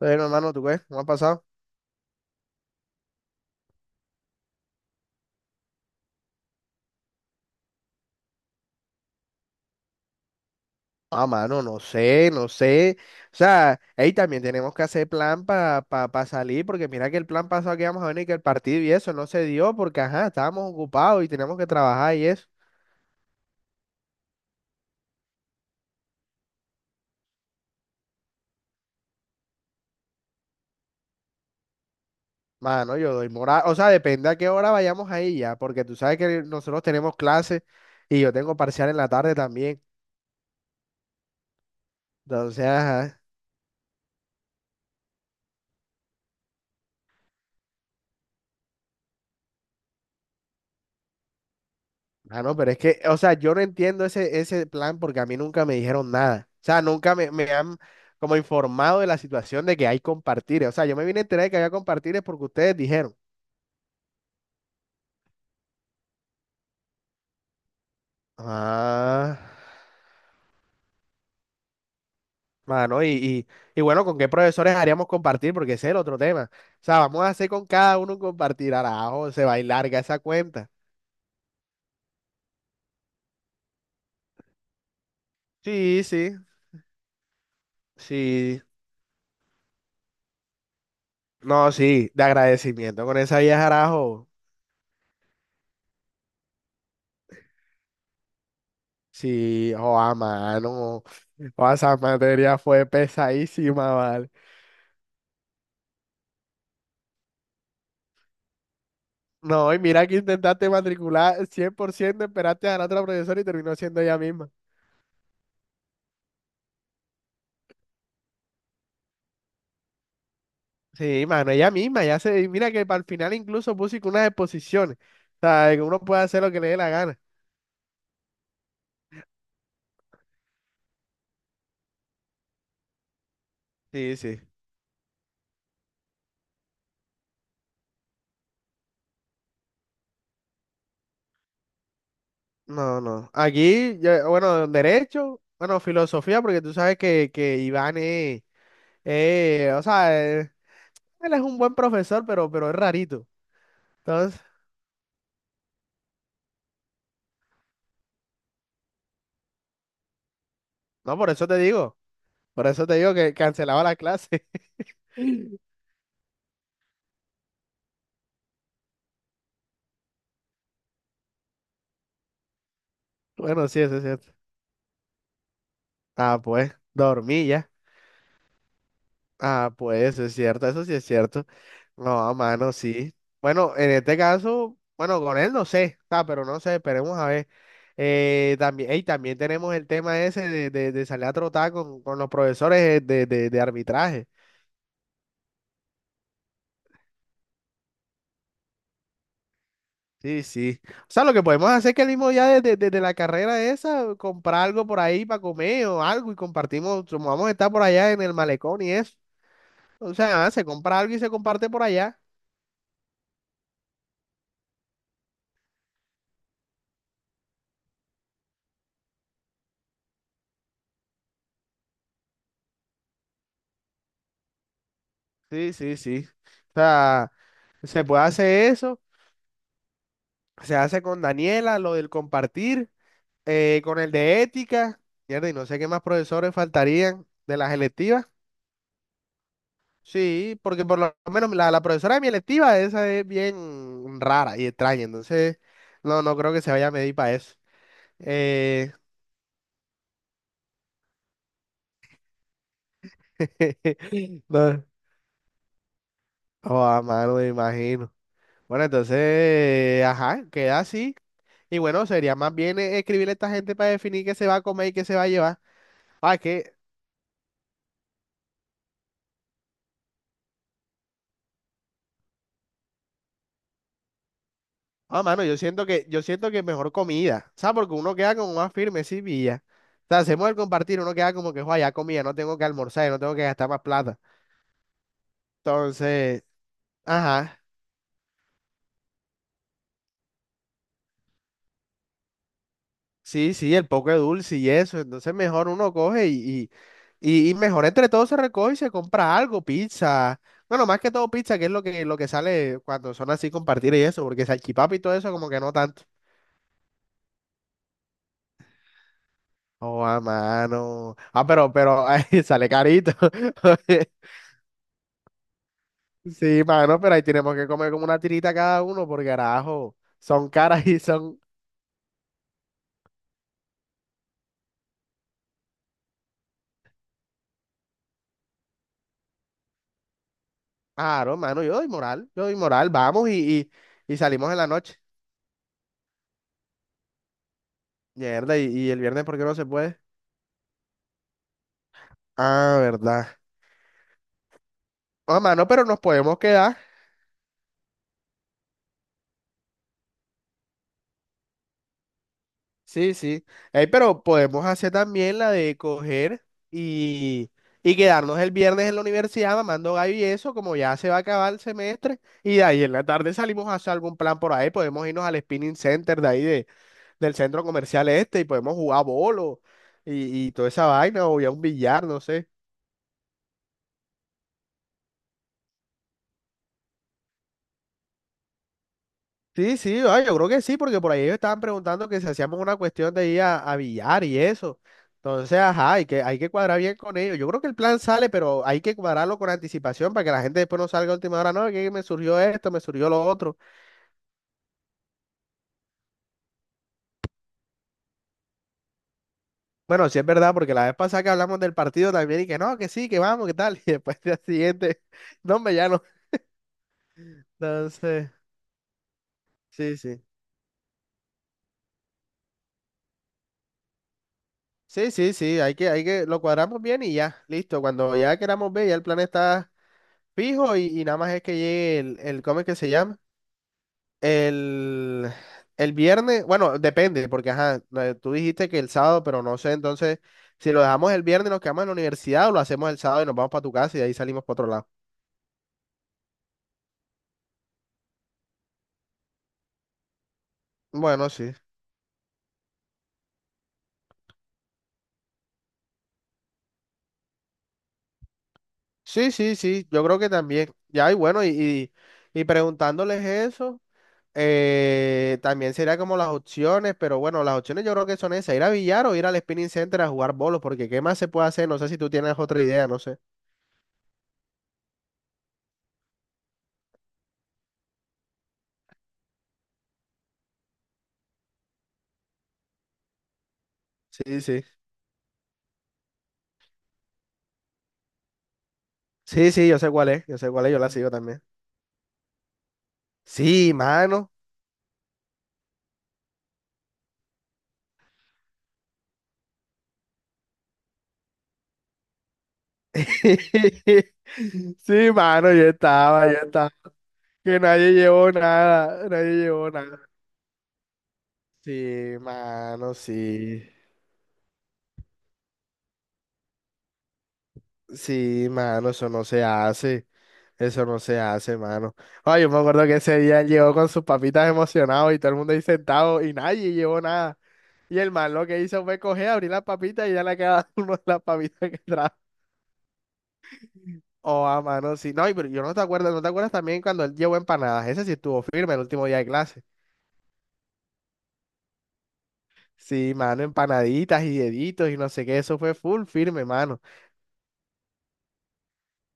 Bueno, hermano, ¿tú qué? ¿Cómo ha pasado? Ah, mano, no sé. O sea, ahí también tenemos que hacer plan para pa salir, porque mira que el plan pasado que íbamos a venir, que el partido y eso no se dio, porque ajá, estábamos ocupados y teníamos que trabajar y eso. Mano, yo doy moral. O sea, depende a qué hora vayamos ahí ya, porque tú sabes que nosotros tenemos clases y yo tengo parcial en la tarde también. Entonces, ajá. Ah, no, pero es que, o sea, yo no entiendo ese plan porque a mí nunca me dijeron nada. O sea, nunca me han como informado de la situación de que hay compartires. O sea, yo me vine a enterar de que había compartires porque ustedes dijeron. Ah, mano, y bueno, ¿con qué profesores haríamos compartir? Porque ese es el otro tema. O sea, vamos a hacer con cada uno un compartir. Arajo, se va a ir larga esa cuenta. Sí, sí, sí. No, sí, de agradecimiento con esa vieja, arajo. Sí, o a mano. O esa materia fue pesadísima, ¿vale? No, y mira que intentaste matricular 100%, esperaste a la otra profesora y terminó siendo ella misma. Sí, mano, ella misma, ya se, y mira que para el final incluso puso que unas exposiciones, o sea, que uno puede hacer lo que le dé la gana. Sí, sí. No, no. Aquí, bueno, derecho, bueno, filosofía, porque tú sabes que Iván es, o sea, eh, él es un buen profesor, pero es rarito. Entonces, no, por eso te digo. Por eso te digo que cancelaba la clase. Bueno, sí, eso es cierto. Ah, pues, dormí ya. Ah, pues, eso es cierto, eso sí es cierto. No, mano, sí. Bueno, en este caso, bueno, con él no sé, ah, pero no sé, esperemos a ver. También, ey, también tenemos el tema ese de, de salir a trotar con los profesores de, de arbitraje. Sí, sí. O sea, lo que podemos hacer es que el mismo día desde desde la carrera esa, comprar algo por ahí para comer o algo y compartimos, como vamos a estar por allá en el malecón y eso. O sea, se compra algo y se comparte por allá. Sí, sí, sí. O sea, se puede hacer eso. Se hace con Daniela, lo del compartir, con el de ética. Mierda, y no sé qué más profesores faltarían de las electivas. Sí, porque por lo menos la, la profesora de mi electiva, esa es bien rara y extraña. Entonces, no, no creo que se vaya a medir para eso. Eh, no, oh, a mano, me imagino. Bueno, entonces, ajá, queda así. Y bueno, sería más bien escribirle a esta gente para definir qué se va a comer y qué se va a llevar. Ah, es que, ah, mano, yo siento que mejor comida. ¿Sabes? Porque uno queda como más firme, sí, pilla. O sea, hacemos el compartir, uno queda como que, "Joa, ya comida, no tengo que almorzar, no tengo que gastar más plata." Entonces, ajá. Sí, sí, el poco de dulce y eso. Entonces mejor uno coge y, y mejor entre todos se recoge y se compra algo, pizza. Bueno, más que todo pizza, que es lo que sale cuando son así compartir y eso, porque salchipapa y todo eso como que no tanto. Oh, a mano. Ah, pero ay, sale carito. Sí, mano, pero ahí tenemos que comer como una tirita cada uno, por carajo, son caras y son... Claro, mano, yo doy moral, vamos y salimos en la noche. Mierda, y el viernes, ¿por qué no se puede? Ah, verdad. Ah, mano, pero nos podemos quedar. Sí, sí. Ey, pero podemos hacer también la de coger y, y quedarnos el viernes en la universidad mamando gallo y eso, como ya se va a acabar el semestre. Y de ahí en la tarde salimos a hacer algún plan por ahí. Podemos irnos al spinning center de ahí del centro comercial este y podemos jugar bolo y toda esa vaina o ya un billar, no sé. Sí, sí, ah, yo creo que sí, porque por ahí ellos estaban preguntando que si hacíamos una cuestión de ir a billar y eso. Entonces, ajá, hay que cuadrar bien con ellos. Yo creo que el plan sale, pero hay que cuadrarlo con anticipación para que la gente después no salga a última hora. No, que me surgió esto, me surgió lo otro. Bueno, sí es verdad, porque la vez pasada que hablamos del partido también y que no, que sí, que vamos, que tal. Y después del día siguiente, no, hombre, ya no. Entonces, sí, sí. Sí, sí, sí, hay que, lo cuadramos bien y ya, listo. Cuando ya queramos ver, ya el plan está fijo y nada más es que llegue el ¿cómo es que se llama? El, el viernes, bueno, depende, porque ajá, no, tú dijiste que el sábado, pero no sé, entonces, si lo dejamos el viernes, nos quedamos en la universidad o lo hacemos el sábado y nos vamos para tu casa y de ahí salimos para otro lado. Bueno, sí. Sí, sí, sí, yo creo que también. Ya, y bueno, y preguntándoles eso, también sería como las opciones, pero bueno, las opciones yo creo que son esas, ir a billar o ir al spinning center a jugar bolos, porque ¿qué más se puede hacer? No sé si tú tienes otra idea, no sé. Sí, sí. Sí, sí, yo sé cuál es, yo la sigo también. Sí, mano. Sí, mano, yo estaba. Que nadie llevó nada, nadie llevó nada. Sí, mano, sí. Sí, mano, eso no se hace. Eso no se hace, mano. Ay, yo me acuerdo que ese día llegó con sus papitas emocionados y todo el mundo ahí sentado y nadie llevó nada. Y el man lo que hizo fue coger, abrir las papitas y ya le quedaba uno de las papitas que trajo. Oh, a mano, sí. No, y pero yo no te acuerdas, ¿no te acuerdas también cuando él llevó empanadas? Ese sí estuvo firme el último día de clase. Sí, mano, empanaditas y deditos y no sé qué, eso fue full firme, mano.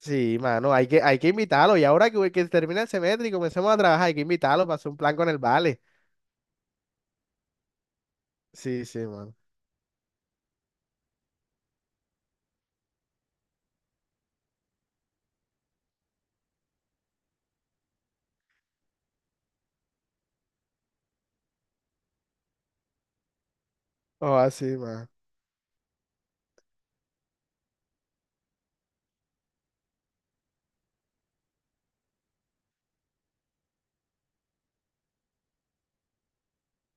Sí, mano, hay que invitarlo. Y ahora que termina el semestre y comencemos a trabajar, hay que invitarlo para hacer un plan con el vale. Sí, sí, mano. Oh, así, mano.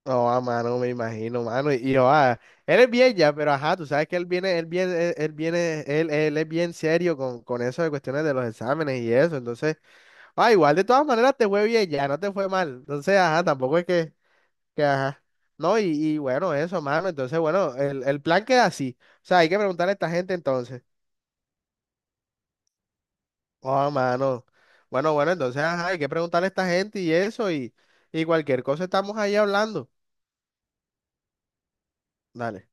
Oh, a mano, me imagino, mano. Y, oh, ah, él es bien ya, pero ajá, tú sabes que él es bien serio con eso de cuestiones de los exámenes y eso. Entonces. Ah, igual, de todas maneras te fue bien, ya no te fue mal. Entonces, ajá, tampoco es que ajá. No, y bueno, eso, mano. Entonces, bueno, el plan queda así. O sea, hay que preguntarle a esta gente entonces. Oh, mano. Bueno, bueno, entonces, ajá, hay que preguntarle a esta gente y eso, y cualquier cosa estamos ahí hablando. Dale.